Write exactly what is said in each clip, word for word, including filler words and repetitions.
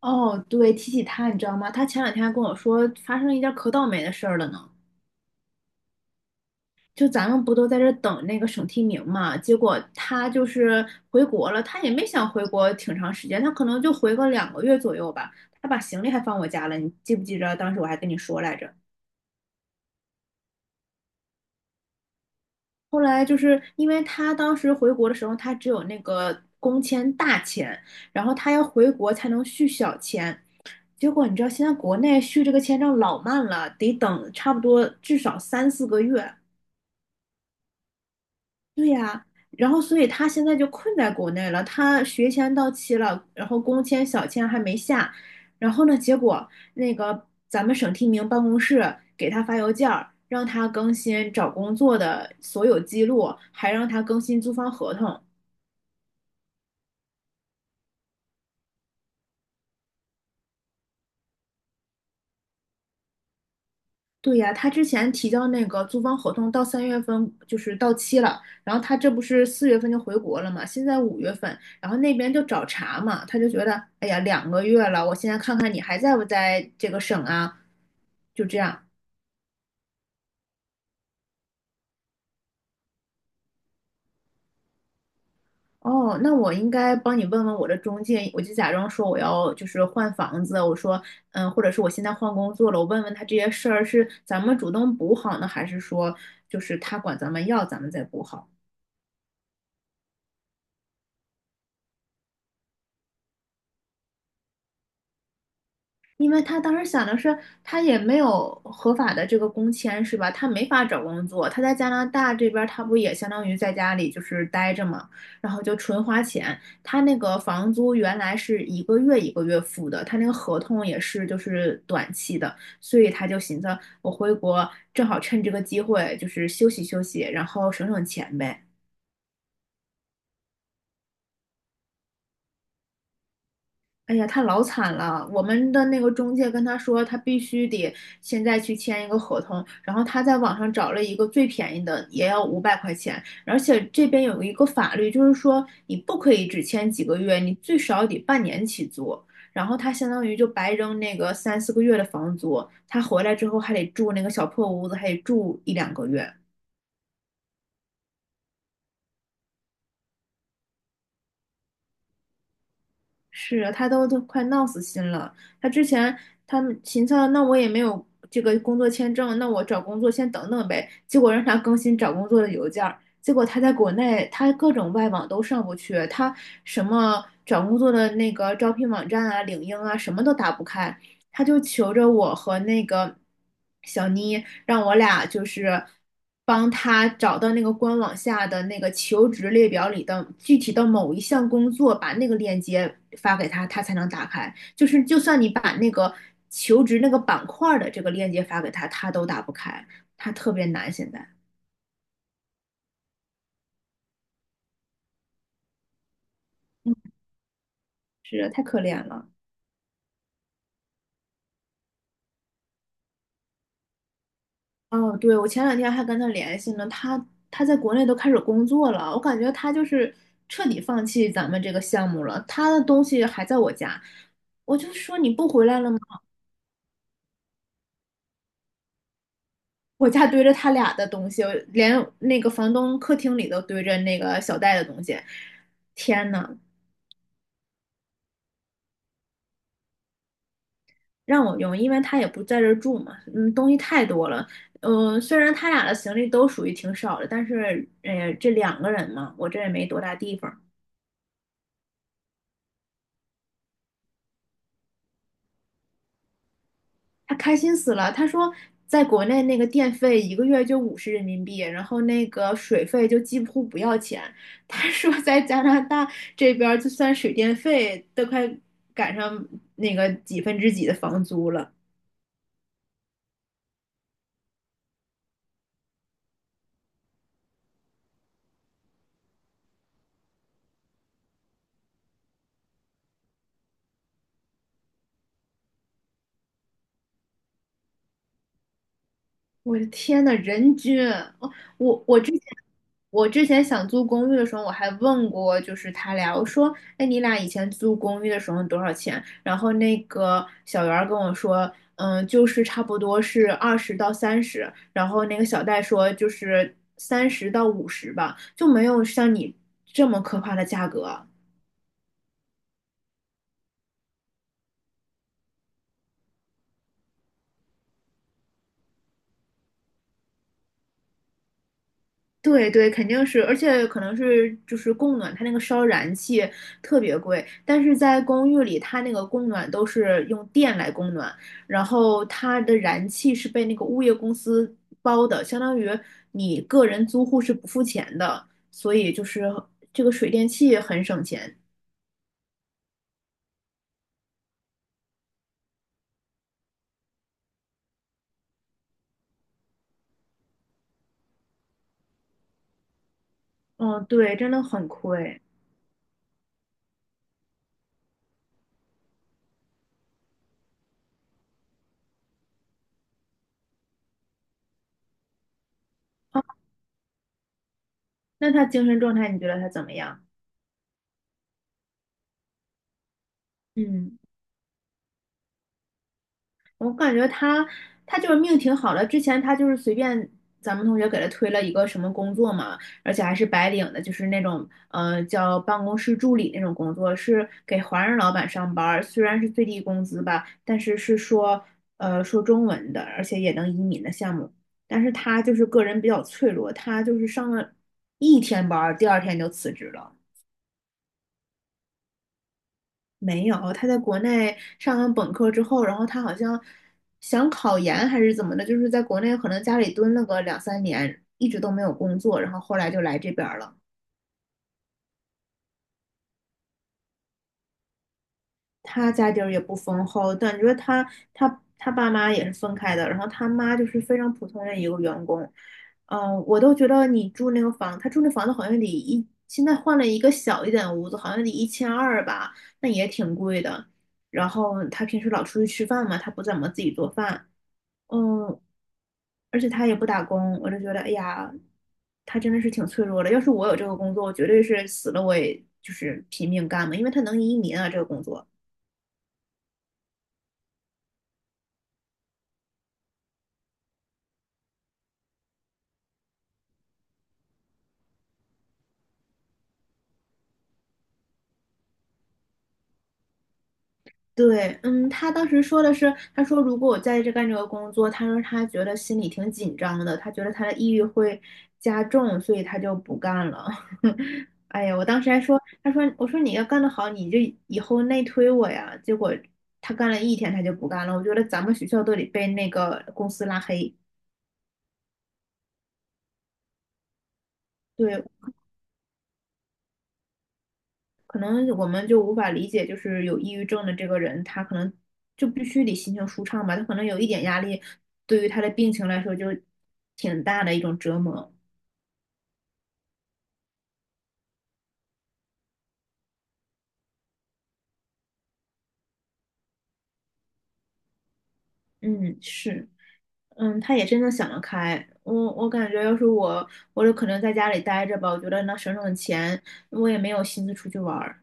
哦，对，提起他，你知道吗？他前两天还跟我说发生一件可倒霉的事儿了呢。就咱们不都在这等那个省提名嘛？结果他就是回国了，他也没想回国挺长时间，他可能就回个两个月左右吧。他把行李还放我家了，你记不记着？当时我还跟你说来着。后来就是因为他当时回国的时候，他只有那个工签大签，然后他要回国才能续小签。结果你知道，现在国内续这个签证老慢了，得等差不多至少三四个月。然后，所以他现在就困在国内了。他学签到期了，然后工签、小签还没下。然后呢，结果那个咱们省提名办公室给他发邮件儿，让他更新找工作的所有记录，还让他更新租房合同。对呀，他之前提交那个租房合同到三月份就是到期了，然后他这不是四月份就回国了嘛，现在五月份，然后那边就找茬嘛，他就觉得，哎呀，两个月了，我现在看看你还在不在这个省啊，就这样。哦，那我应该帮你问问我的中介，我就假装说我要就是换房子，我说，嗯，或者是我现在换工作了，我问问他这些事儿是咱们主动补好呢，还是说就是他管咱们要，咱们再补好？因为他当时想的是，他也没有合法的这个工签，是吧？他没法找工作，他在加拿大这边他不也相当于在家里就是待着嘛，然后就纯花钱。他那个房租原来是一个月一个月付的，他那个合同也是就是短期的，所以他就寻思，我回国正好趁这个机会就是休息休息，然后省省钱呗。哎呀，他老惨了。我们的那个中介跟他说，他必须得现在去签一个合同，然后他在网上找了一个最便宜的，也要五百块钱。而且这边有一个法律，就是说你不可以只签几个月，你最少得半年起租。然后他相当于就白扔那个三四个月的房租，他回来之后还得住那个小破屋子，还得住一两个月。是他都都快闹死心了。他之前他们秦策，那我也没有这个工作签证，那我找工作先等等呗。结果让他更新找工作的邮件儿，结果他在国内他各种外网都上不去，他什么找工作的那个招聘网站啊、领英啊，什么都打不开。他就求着我和那个小妮，让我俩就是帮他找到那个官网下的那个求职列表里的具体的某一项工作，把那个链接发给他，他才能打开。就是就算你把那个求职那个板块的这个链接发给他，他都打不开，他特别难现在。嗯，是，太可怜了。哦，对，我前两天还跟他联系呢，他他在国内都开始工作了，我感觉他就是彻底放弃咱们这个项目了，他的东西还在我家，我就说你不回来了吗？我家堆着他俩的东西，连那个房东客厅里都堆着那个小戴的东西，天呐，让我用，因为他也不在这儿住嘛，嗯，东西太多了，嗯，虽然他俩的行李都属于挺少的，但是，哎呀，这两个人嘛，我这也没多大地方。他开心死了。他说，在国内那个电费一个月就五十人民币，然后那个水费就几乎不要钱。他说，在加拿大这边，就算水电费都快赶上那个几分之几的房租了。我的天呐，人均，我我我之前我之前想租公寓的时候，我还问过，就是他俩，我说，哎，你俩以前租公寓的时候多少钱？然后那个小袁儿跟我说，嗯，就是差不多是二十到三十，然后那个小戴说就是三十到五十吧，就没有像你这么可怕的价格。对对，肯定是，而且可能是就是供暖，它那个烧燃气特别贵，但是在公寓里，它那个供暖都是用电来供暖，然后它的燃气是被那个物业公司包的，相当于你个人租户是不付钱的，所以就是这个水电气很省钱。嗯，对，真的很亏。那他精神状态你觉得他怎么样？嗯。我感觉他他就是命挺好的，之前他就是随便咱们同学给他推了一个什么工作嘛，而且还是白领的，就是那种呃叫办公室助理那种工作，是给华人老板上班儿，虽然是最低工资吧，但是是说呃说中文的，而且也能移民的项目，但是他就是个人比较脆弱，他就是上了一天班儿，第二天就辞职了。没有，他在国内上完本科之后，然后他好像想考研还是怎么的，就是在国内可能家里蹲了个两三年，一直都没有工作，然后后来就来这边儿了。他家底儿也不丰厚，感觉他他他爸妈也是分开的，然后他妈就是非常普通的一个员工。嗯，我都觉得你住那个房，他住那房子好像得一，现在换了一个小一点的屋子，好像得一千二吧，那也挺贵的。然后他平时老出去吃饭嘛，他不怎么自己做饭。嗯，而且他也不打工，我就觉得，哎呀，他真的是挺脆弱的。要是我有这个工作，我绝对是死了我也就是拼命干嘛，因为他能移民啊，这个工作。对，嗯，他当时说的是，他说如果我在这干这个工作，他说他觉得心里挺紧张的，他觉得他的抑郁会加重，所以他就不干了。哎呀，我当时还说，他说，我说你要干得好，你就以后内推我呀。结果他干了一天，他就不干了。我觉得咱们学校都得被那个公司拉黑。对，可能我们就无法理解，就是有抑郁症的这个人，他可能就必须得心情舒畅吧，他可能有一点压力，对于他的病情来说就挺大的一种折磨。嗯，是，嗯，他也真的想得开。我我感觉要是我，我就可能在家里待着吧，我觉得能省省钱，我也没有心思出去玩儿。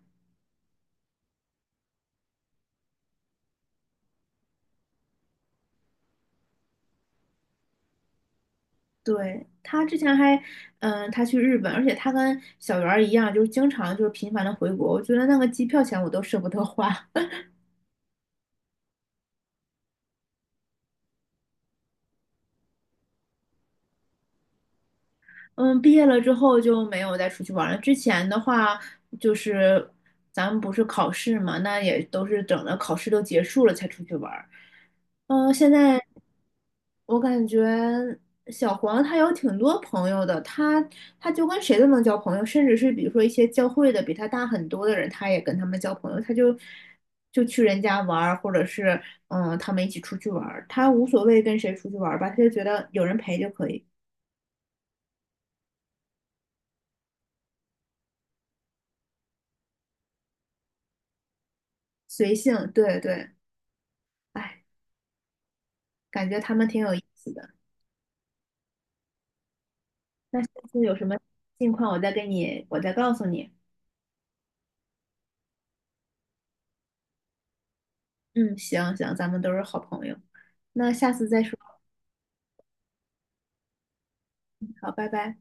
对，他之前还，嗯，他去日本，而且他跟小圆儿一样，就是经常就是频繁的回国，我觉得那个机票钱我都舍不得花。嗯，毕业了之后就没有再出去玩了。之前的话，就是咱们不是考试嘛，那也都是等着考试都结束了才出去玩儿。嗯，现在我感觉小黄他有挺多朋友的，他他就跟谁都能交朋友，甚至是比如说一些教会的比他大很多的人，他也跟他们交朋友，他就就去人家玩儿，或者是嗯他们一起出去玩儿，他无所谓跟谁出去玩儿吧，他就觉得有人陪就可以，随性，对对。哎感觉他们挺有意思的。那下次有什么近况，我再跟你，我再告诉你。嗯，行行，咱们都是好朋友。那下次再说，好，拜拜。